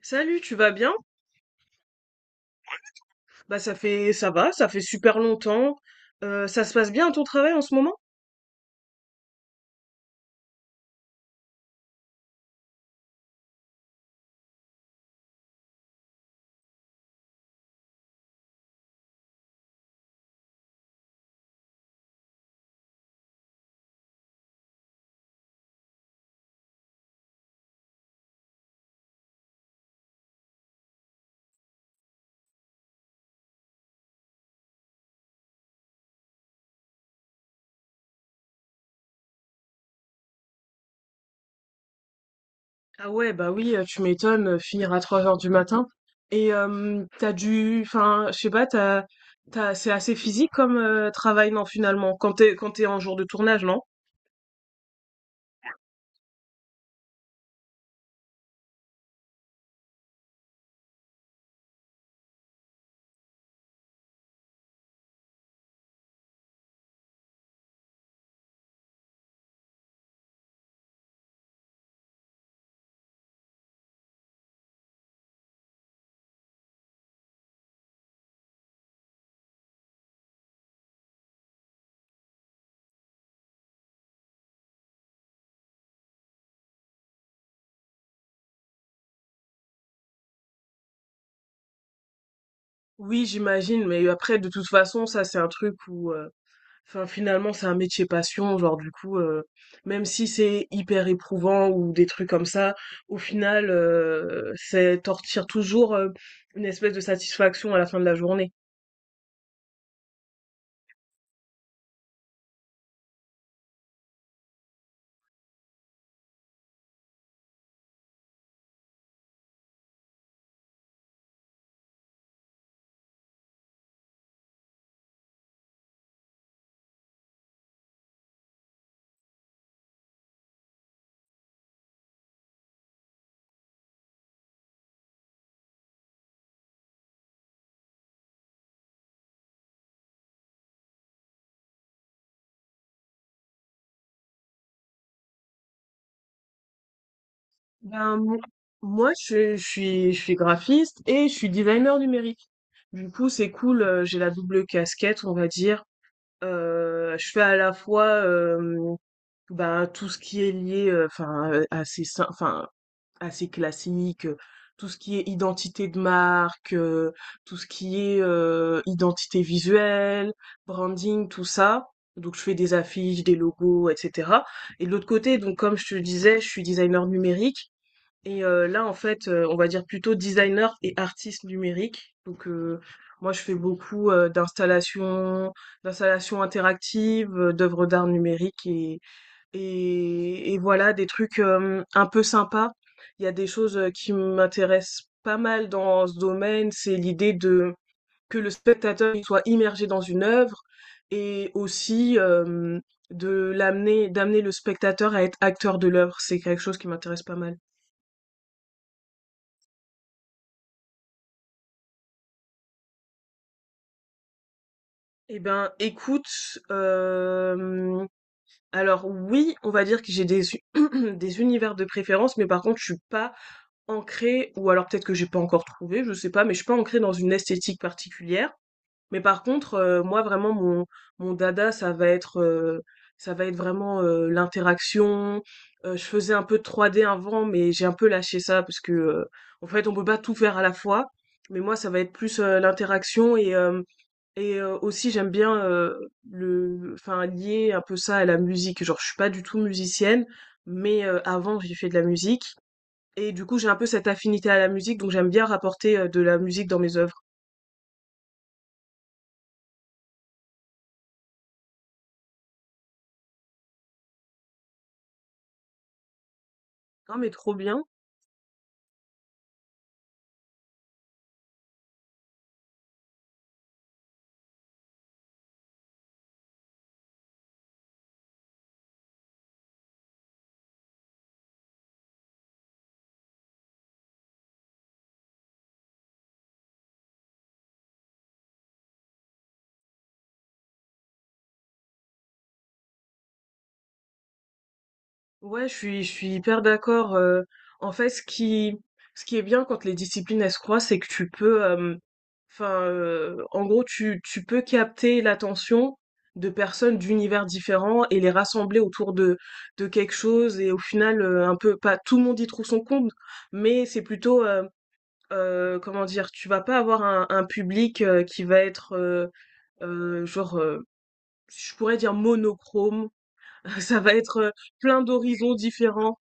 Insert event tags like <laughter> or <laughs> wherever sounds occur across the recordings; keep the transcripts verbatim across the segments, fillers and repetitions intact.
Salut, tu vas bien? Bah ça fait ça va, ça fait super longtemps. Euh, ça se passe bien à ton travail en ce moment? Ah ouais, bah oui, euh, tu m'étonnes, euh, finir à trois heures du matin. Et euh, t'as dû, enfin, je sais pas, t'as, t'as, c'est assez physique comme euh, travail, non, finalement, quand t'es, quand t'es en jour de tournage, non? Oui, j'imagine, mais après, de toute façon, ça, c'est un truc où euh, Enfin, finalement, c'est un métier passion, genre du coup, euh, même si c'est hyper éprouvant ou des trucs comme ça, au final, euh, c'est t'en retires toujours euh, une espèce de satisfaction à la fin de la journée. Ben, mo- moi, je, je suis, je suis graphiste et je suis designer numérique. Du coup, c'est cool, euh, j'ai la double casquette, on va dire. Euh, je fais à la fois euh, ben, tout ce qui est lié, euh, enfin, euh, à ces, sy- enfin, assez classique, euh, tout ce qui est identité de marque, euh, tout ce qui est euh, identité visuelle, branding, tout ça. Donc je fais des affiches, des logos, et cetera. Et de l'autre côté, donc comme je te le disais, je suis designer numérique. Et euh, là, en fait, euh, on va dire plutôt designer et artiste numérique. Donc euh, moi, je fais beaucoup euh, d'installations, d'installations interactives, euh, d'œuvres d'art numérique et, et, et voilà, des trucs euh, un peu sympas. Il y a des choses euh, qui m'intéressent pas mal dans ce domaine, c'est l'idée de que le spectateur il soit immergé dans une œuvre et aussi euh, de l'amener, d'amener le spectateur à être acteur de l'œuvre. C'est quelque chose qui m'intéresse pas mal. Eh ben, écoute, euh, alors oui, on va dire que j'ai des u <clears throat> des univers de préférence, mais par contre, je suis pas ancrée ou alors peut-être que j'ai pas encore trouvé, je sais pas, mais je suis pas ancrée dans une esthétique particulière. Mais par contre, heu, moi vraiment mon mon dada, ça va être, heu, ça va être vraiment, heu, l'interaction. Heu, je faisais un peu de trois D avant, mais j'ai un peu lâché ça parce que, heu, en fait, on peut pas tout faire à la fois. Mais moi, ça va être plus, heu, l'interaction et hem et euh, aussi j'aime bien euh, le enfin lier un peu ça à la musique. Genre je suis pas du tout musicienne, mais euh, avant j'ai fait de la musique et du coup j'ai un peu cette affinité à la musique donc j'aime bien rapporter euh, de la musique dans mes œuvres. Non mais trop bien. Ouais, je suis, je suis hyper d'accord. Euh, en fait, ce qui, ce qui est bien quand les disciplines elles se croisent, c'est que tu peux, euh, enfin, euh, en gros, tu, tu peux capter l'attention de personnes d'univers différents et les rassembler autour de, de quelque chose. Et au final, euh, un peu, pas tout le monde y trouve son compte, mais c'est plutôt, euh, euh, comment dire, tu vas pas avoir un, un public euh, qui va être, euh, euh, genre, euh, je pourrais dire monochrome. <laughs> Ça va être euh, plein d'horizons différents.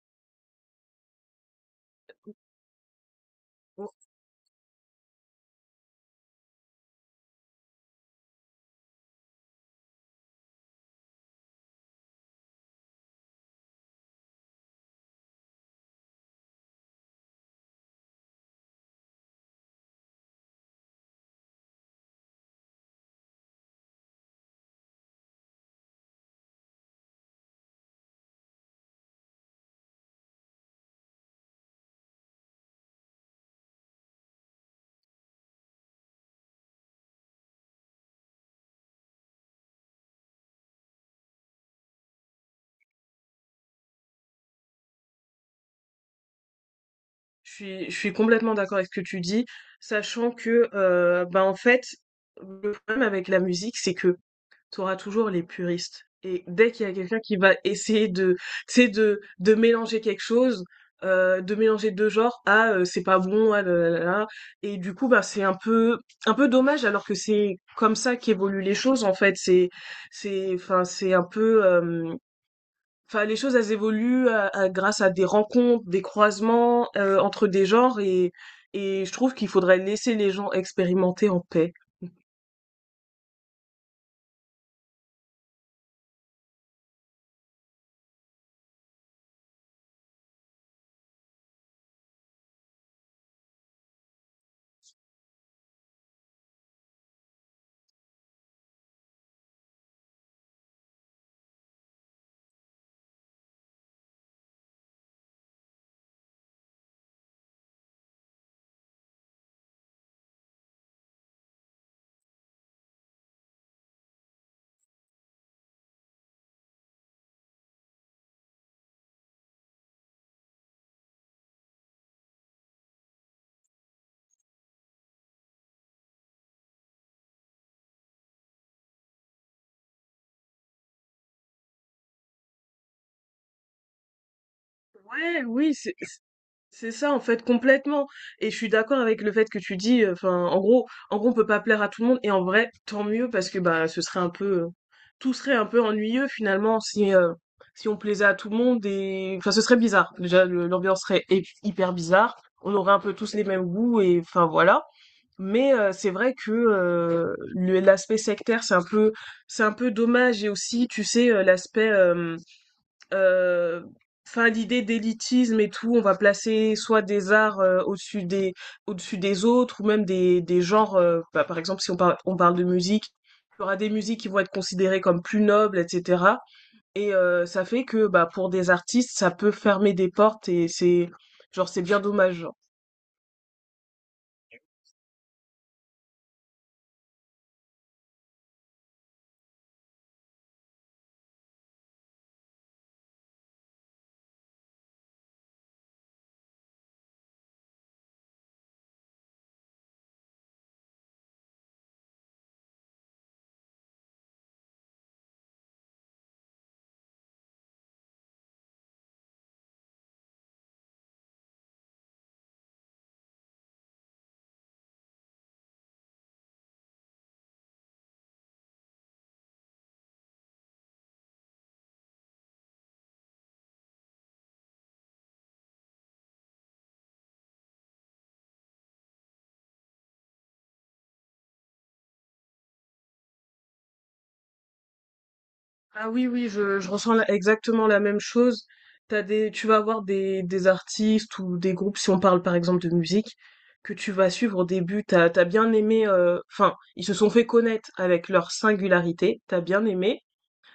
Je suis, je suis complètement d'accord avec ce que tu dis, sachant que, euh, bah, en fait, le problème avec la musique, c'est que tu auras toujours les puristes. Et dès qu'il y a quelqu'un qui va essayer de, tu sais, de, de mélanger quelque chose, euh, de mélanger deux genres, ah, euh, c'est pas bon, ah, là, là, là, là. Et du coup, bah, c'est un peu, un peu dommage, alors que c'est comme ça qu'évoluent les choses, en fait. C'est, c'est, enfin, c'est un peu, euh, enfin les choses elles évoluent à- à- grâce à des rencontres, des croisements euh, entre des genres et et je trouve qu'il faudrait laisser les gens expérimenter en paix. Ouais, oui, c'est c'est c'est ça en fait complètement. Et je suis d'accord avec le fait que tu dis, euh, enfin en gros, en gros on peut pas plaire à tout le monde et en vrai tant mieux parce que bah ce serait un peu, euh, tout serait un peu ennuyeux finalement si euh, si on plaisait à tout le monde et enfin ce serait bizarre. Déjà le- l'ambiance serait hy- hyper bizarre. On aurait un peu tous les mêmes goûts et enfin voilà. Mais euh, c'est vrai que euh, le- l'aspect sectaire, c'est un peu, c'est un peu dommage. Et aussi, tu sais, euh, l'aspect, euh, euh, enfin, l'idée d'élitisme et tout, on va placer soit des arts euh, au-dessus des, au-dessus des autres, ou même des, des genres. Euh, bah, par exemple, si on parle, on parle de musique, il y aura des musiques qui vont être considérées comme plus nobles, et cetera. Et euh, ça fait que, bah, pour des artistes, ça peut fermer des portes et c'est, genre, c'est bien dommage. Ah oui, oui, je, je ressens la- exactement la même chose. T'as des, tu vas avoir des, des artistes ou des groupes, si on parle par exemple de musique, que tu vas suivre au début, t'as, t'as bien aimé, euh, enfin, ils se sont fait connaître avec leur singularité, t'as bien aimé,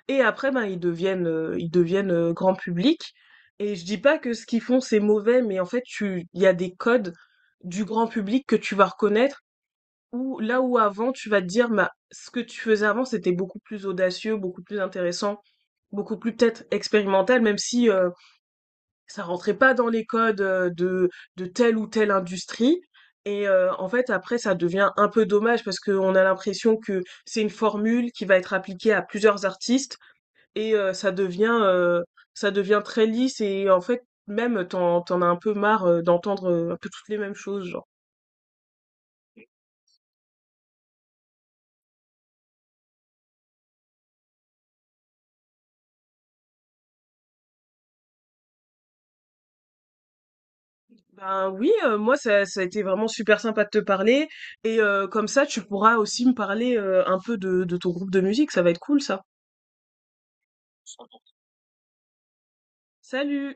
et après, ben, ils deviennent, euh, ils deviennent euh, grand public. Et je dis pas que ce qu'ils font c'est mauvais, mais en fait, tu, il y a des codes du grand public que tu vas reconnaître ou là où avant tu vas te dire, bah, ce que tu faisais avant, c'était beaucoup plus audacieux, beaucoup plus intéressant, beaucoup plus peut-être expérimental, même si euh, ça rentrait pas dans les codes euh, de, de telle ou telle industrie. Et euh, en fait, après, ça devient un peu dommage parce qu'on a l'impression que c'est une formule qui va être appliquée à plusieurs artistes et euh, ça devient euh, ça devient très lisse et en fait, même t'en t'en as un peu marre euh, d'entendre euh, un peu toutes les mêmes choses, genre. Ben oui, euh, moi ça, ça a été vraiment super sympa de te parler et euh, comme ça tu pourras aussi me parler euh, un peu de, de ton groupe de musique, ça va être cool ça. Salut!